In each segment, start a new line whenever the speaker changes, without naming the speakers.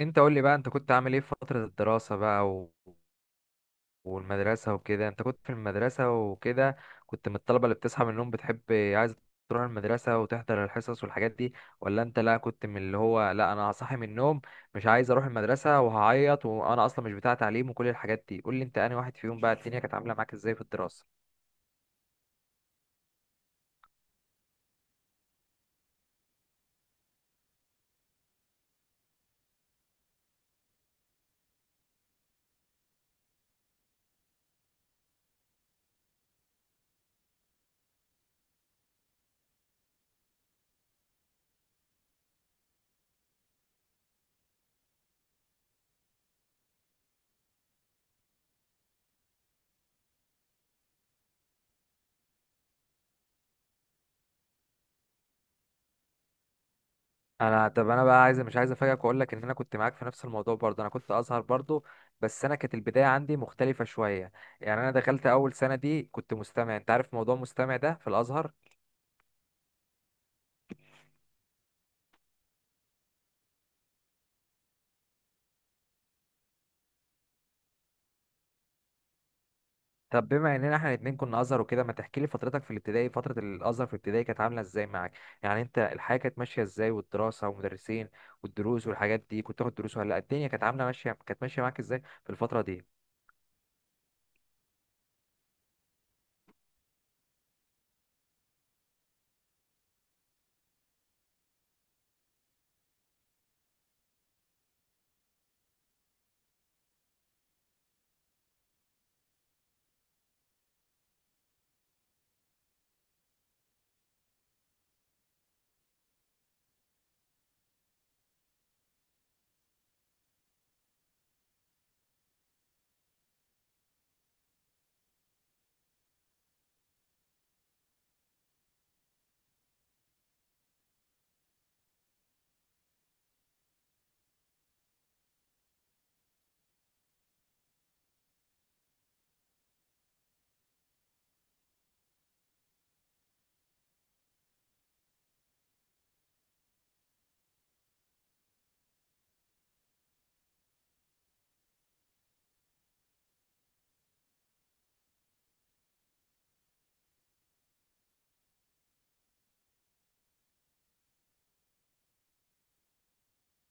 انت قول لي بقى انت كنت عامل ايه في فترة الدراسة بقى والمدرسة وكده، انت كنت في المدرسة وكده، كنت من الطلبة اللي بتصحى من النوم، بتحب عايز تروح المدرسة وتحضر الحصص والحاجات دي؟ ولا انت لا، كنت من اللي هو لا انا هصحي من النوم مش عايز اروح المدرسة وهعيط وانا اصلا مش بتاع تعليم وكل الحاجات دي؟ قول لي انت انهي واحد فيهم بقى، الدنيا كانت عاملة معاك ازاي في الدراسة؟ انا طب انا بقى عايز مش عايز افاجئك واقول لك ان انا كنت معاك في نفس الموضوع برضه، انا كنت ازهر برضه. بس انا كانت البدايه عندي مختلفه شويه. يعني، انا دخلت اول سنه دي كنت مستمع، انت عارف موضوع مستمع ده في الازهر. طب بما اننا احنا الاتنين كنا ازهر وكده، ما تحكي لي فترتك في الابتدائي، فتره الازهر في الابتدائي كانت عامله ازاي معاك؟ يعني انت الحياه كانت ماشيه ازاي، والدراسه والمدرسين والدروس والحاجات دي، كنت تاخد دروس ولا لأ؟ الدنيا كانت عامله ماشيه، كانت ماشيه معاك ازاي في الفتره دي؟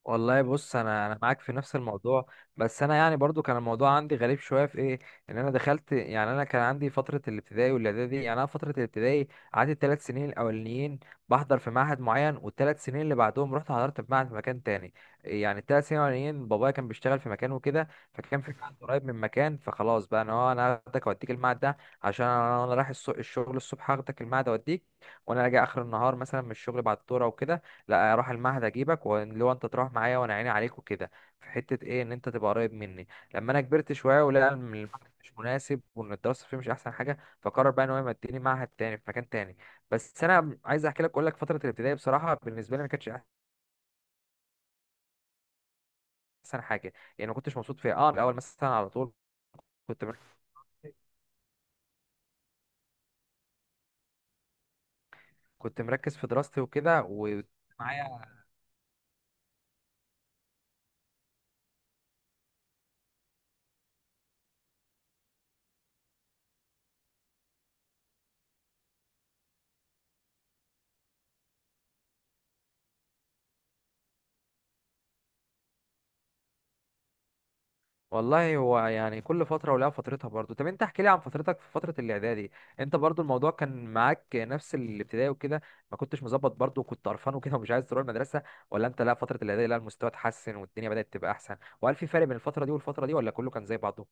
والله بص، انا معاك في نفس الموضوع. بس انا يعني برضو كان الموضوع عندي غريب شويه في ايه، ان انا دخلت. يعني انا كان عندي فتره الابتدائي والاعدادي، يعني انا فتره الابتدائي قعدت الثلاث سنين الاولانيين بحضر في معهد معين، والثلاث سنين اللي بعدهم رحت حضرت في معهد في مكان تاني. يعني الثلاث سنين الاولانيين بابايا كان بيشتغل في مكان وكده، فكان في معهد قريب من مكان، فخلاص بقى انا هو انا هاخدك اوديك المعهد ده عشان انا رايح الشغل الصبح، هاخدك المعهد اوديك. وانا راجع اخر النهار مثلا من الشغل بعد الدوره وكده، لا اروح المعهد اجيبك، واللي هو انت تروح معايا وانا عيني عليك وكده، في حته ايه ان انت تبقى قريب مني. لما انا كبرت شويه ولقى إن المعهد مش مناسب وان الدراسه فيه مش احسن حاجه، فقرر بقى ان هو يمديني معهد تاني في مكان تاني. بس انا عايز احكي لك، اقول لك فتره الابتدائي بصراحه بالنسبه لي ما كانتش احسن حاجه. يعني ما كنتش مبسوط فيها اه الاول مثلا على طول، كنت مر- كنت مركز في دراستي وكده ومعايا. والله هو يعني كل فترة ولها فترتها برضو. طب انت احكي لي عن فترتك في فترة الاعدادي، انت برضو الموضوع كان معاك نفس الابتدائي وكده، ما كنتش مظبط برضو وكنت قرفان وكده ومش عايز تروح المدرسة، ولا انت لا فترة الاعدادي لا المستوى اتحسن والدنيا بدأت تبقى احسن؟ وهل في فرق بين الفترة دي والفترة دي، ولا كله كان زي بعضه؟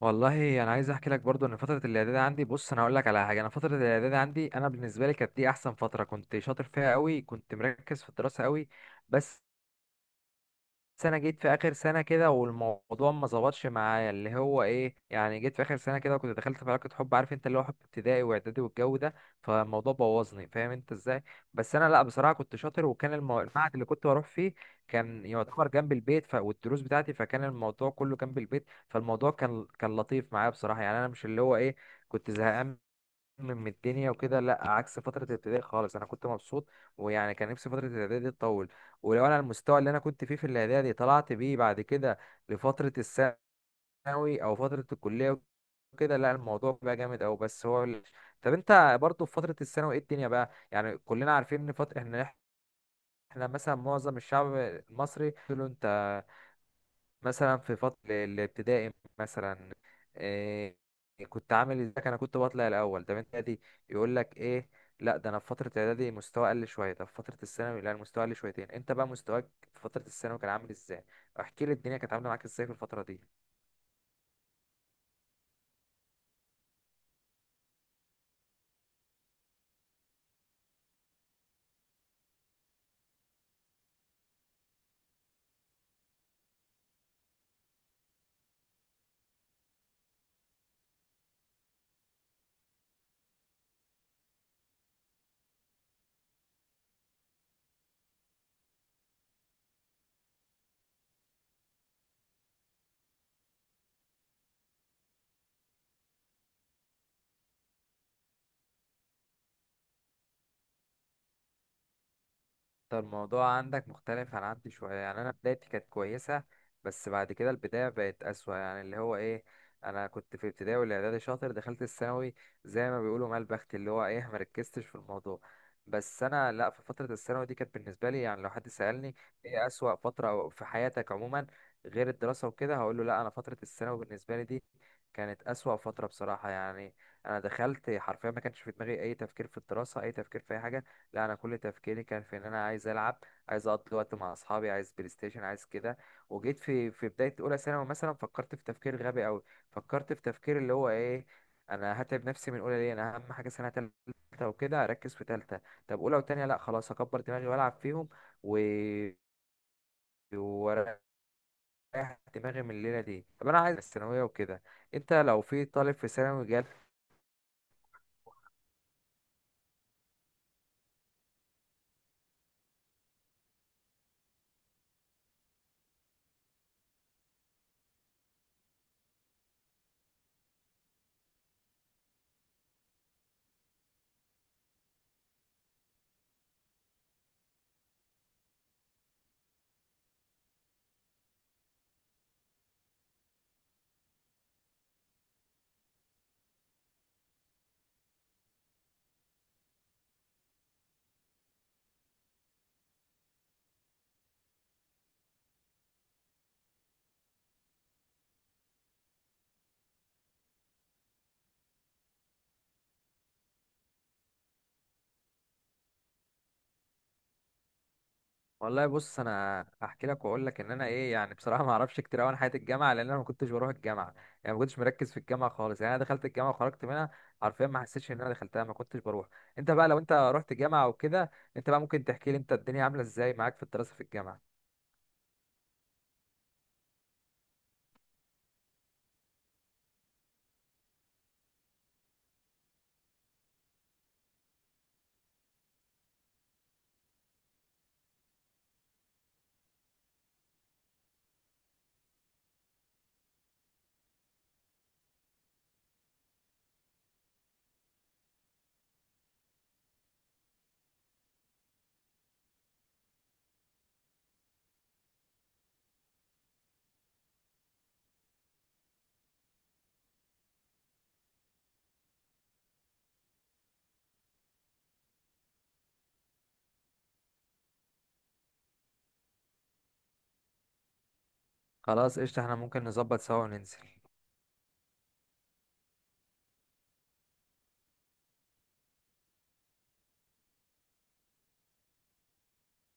والله انا عايز احكي لك برضو ان فترة الاعدادي عندي، بص انا هقول لك على حاجة، انا فترة الاعدادي عندي انا بالنسبة لي كانت دي احسن فترة، كنت شاطر فيها قوي، كنت مركز في الدراسة قوي. بس سنة جيت في آخر سنة كده والموضوع ما ظبطش معايا، اللي هو إيه يعني، جيت في آخر سنة كده وكنت دخلت في علاقة حب، عارف أنت اللي هو حب ابتدائي وإعدادي والجو ده، فالموضوع بوظني، فاهم أنت إزاي. بس أنا لأ بصراحة كنت شاطر، وكان المعهد اللي كنت بروح فيه كان يعتبر جنب البيت، والدروس بتاعتي فكان الموضوع كله جنب البيت، فالموضوع كان لطيف معايا بصراحة. يعني أنا مش اللي هو إيه، كنت زهقان من الدنيا وكده، لا عكس فترة الابتدائي خالص انا كنت مبسوط. ويعني كان نفسي فترة الإعدادي دي تطول، ولو انا المستوى اللي انا كنت فيه في الإعدادي طلعت بيه بعد كده لفترة الثانوي او فترة الكلية وكده، لا الموضوع بقى جامد أوي. بس هو طب انت برضو في فترة الثانوي ايه الدنيا بقى؟ يعني كلنا عارفين ان فترة احنا مثلا معظم الشعب المصري له، انت مثلا في فترة الابتدائي مثلا إيه كنت عامل ازيك، انا كنت بطلع الاول، طب انت دي يقول لك ايه لا ده انا في فترة اعدادي مستوى قل شوية، طب في فترة الثانوي لا المستوى قل شويتين. انت بقى مستواك في فترة الثانوي كان عامل ازاي؟ احكي لي الدنيا كانت عاملة معاك ازاي في الفترة دي؟ طب الموضوع عندك مختلف عن عندي شوية. يعني أنا بدايتي كانت كويسة، بس بعد كده البداية بقت أسوأ. يعني اللي هو إيه، أنا كنت في ابتدائي والإعدادي شاطر، دخلت الثانوي زي ما بيقولوا مال بخت، اللي هو إيه مركزتش في الموضوع. بس أنا لأ، في فترة الثانوي دي كانت بالنسبة لي، يعني لو حد سألني إيه أسوأ فترة في حياتك عموما غير الدراسة وكده، هقول له لأ أنا فترة الثانوي بالنسبة لي دي كانت أسوأ فترة بصراحة. يعني أنا دخلت حرفيا ما كانش في دماغي أي تفكير في الدراسة، أي تفكير في أي حاجة. لا انا كل تفكيري كان في ان انا عايز العب، عايز اقضي وقت مع اصحابي، عايز بلاي ستيشن، عايز كده. وجيت في في بدايه اولى ثانوي مثلا فكرت في تفكير غبي قوي، فكرت في تفكير اللي هو ايه انا هتعب نفسي من اولى ليه، انا اهم حاجه سنه تالته وكده اركز في تالته، طب اولى وتانيه لا خلاص اكبر دماغي والعب فيهم، و واريح دماغي من الليله دي، طب انا عايز الثانويه وكده. انت لو في طالب في ثانوي جال. والله بص انا هحكي لك واقول لك ان انا ايه، يعني بصراحه ما اعرفش كتير قوي عن حياه الجامعه، لان انا ما كنتش بروح الجامعه. يعني ما كنتش مركز في الجامعه خالص، يعني انا دخلت الجامعه وخرجت منها حرفيا، ما حسيتش ان انا دخلتها، ما كنتش بروح. انت بقى لو انت رحت جامعه وكده، انت بقى ممكن تحكي لي انت الدنيا عامله ازاي معاك في الدراسه في الجامعه؟ خلاص قشطه، احنا ممكن نظبط سوا وننزل.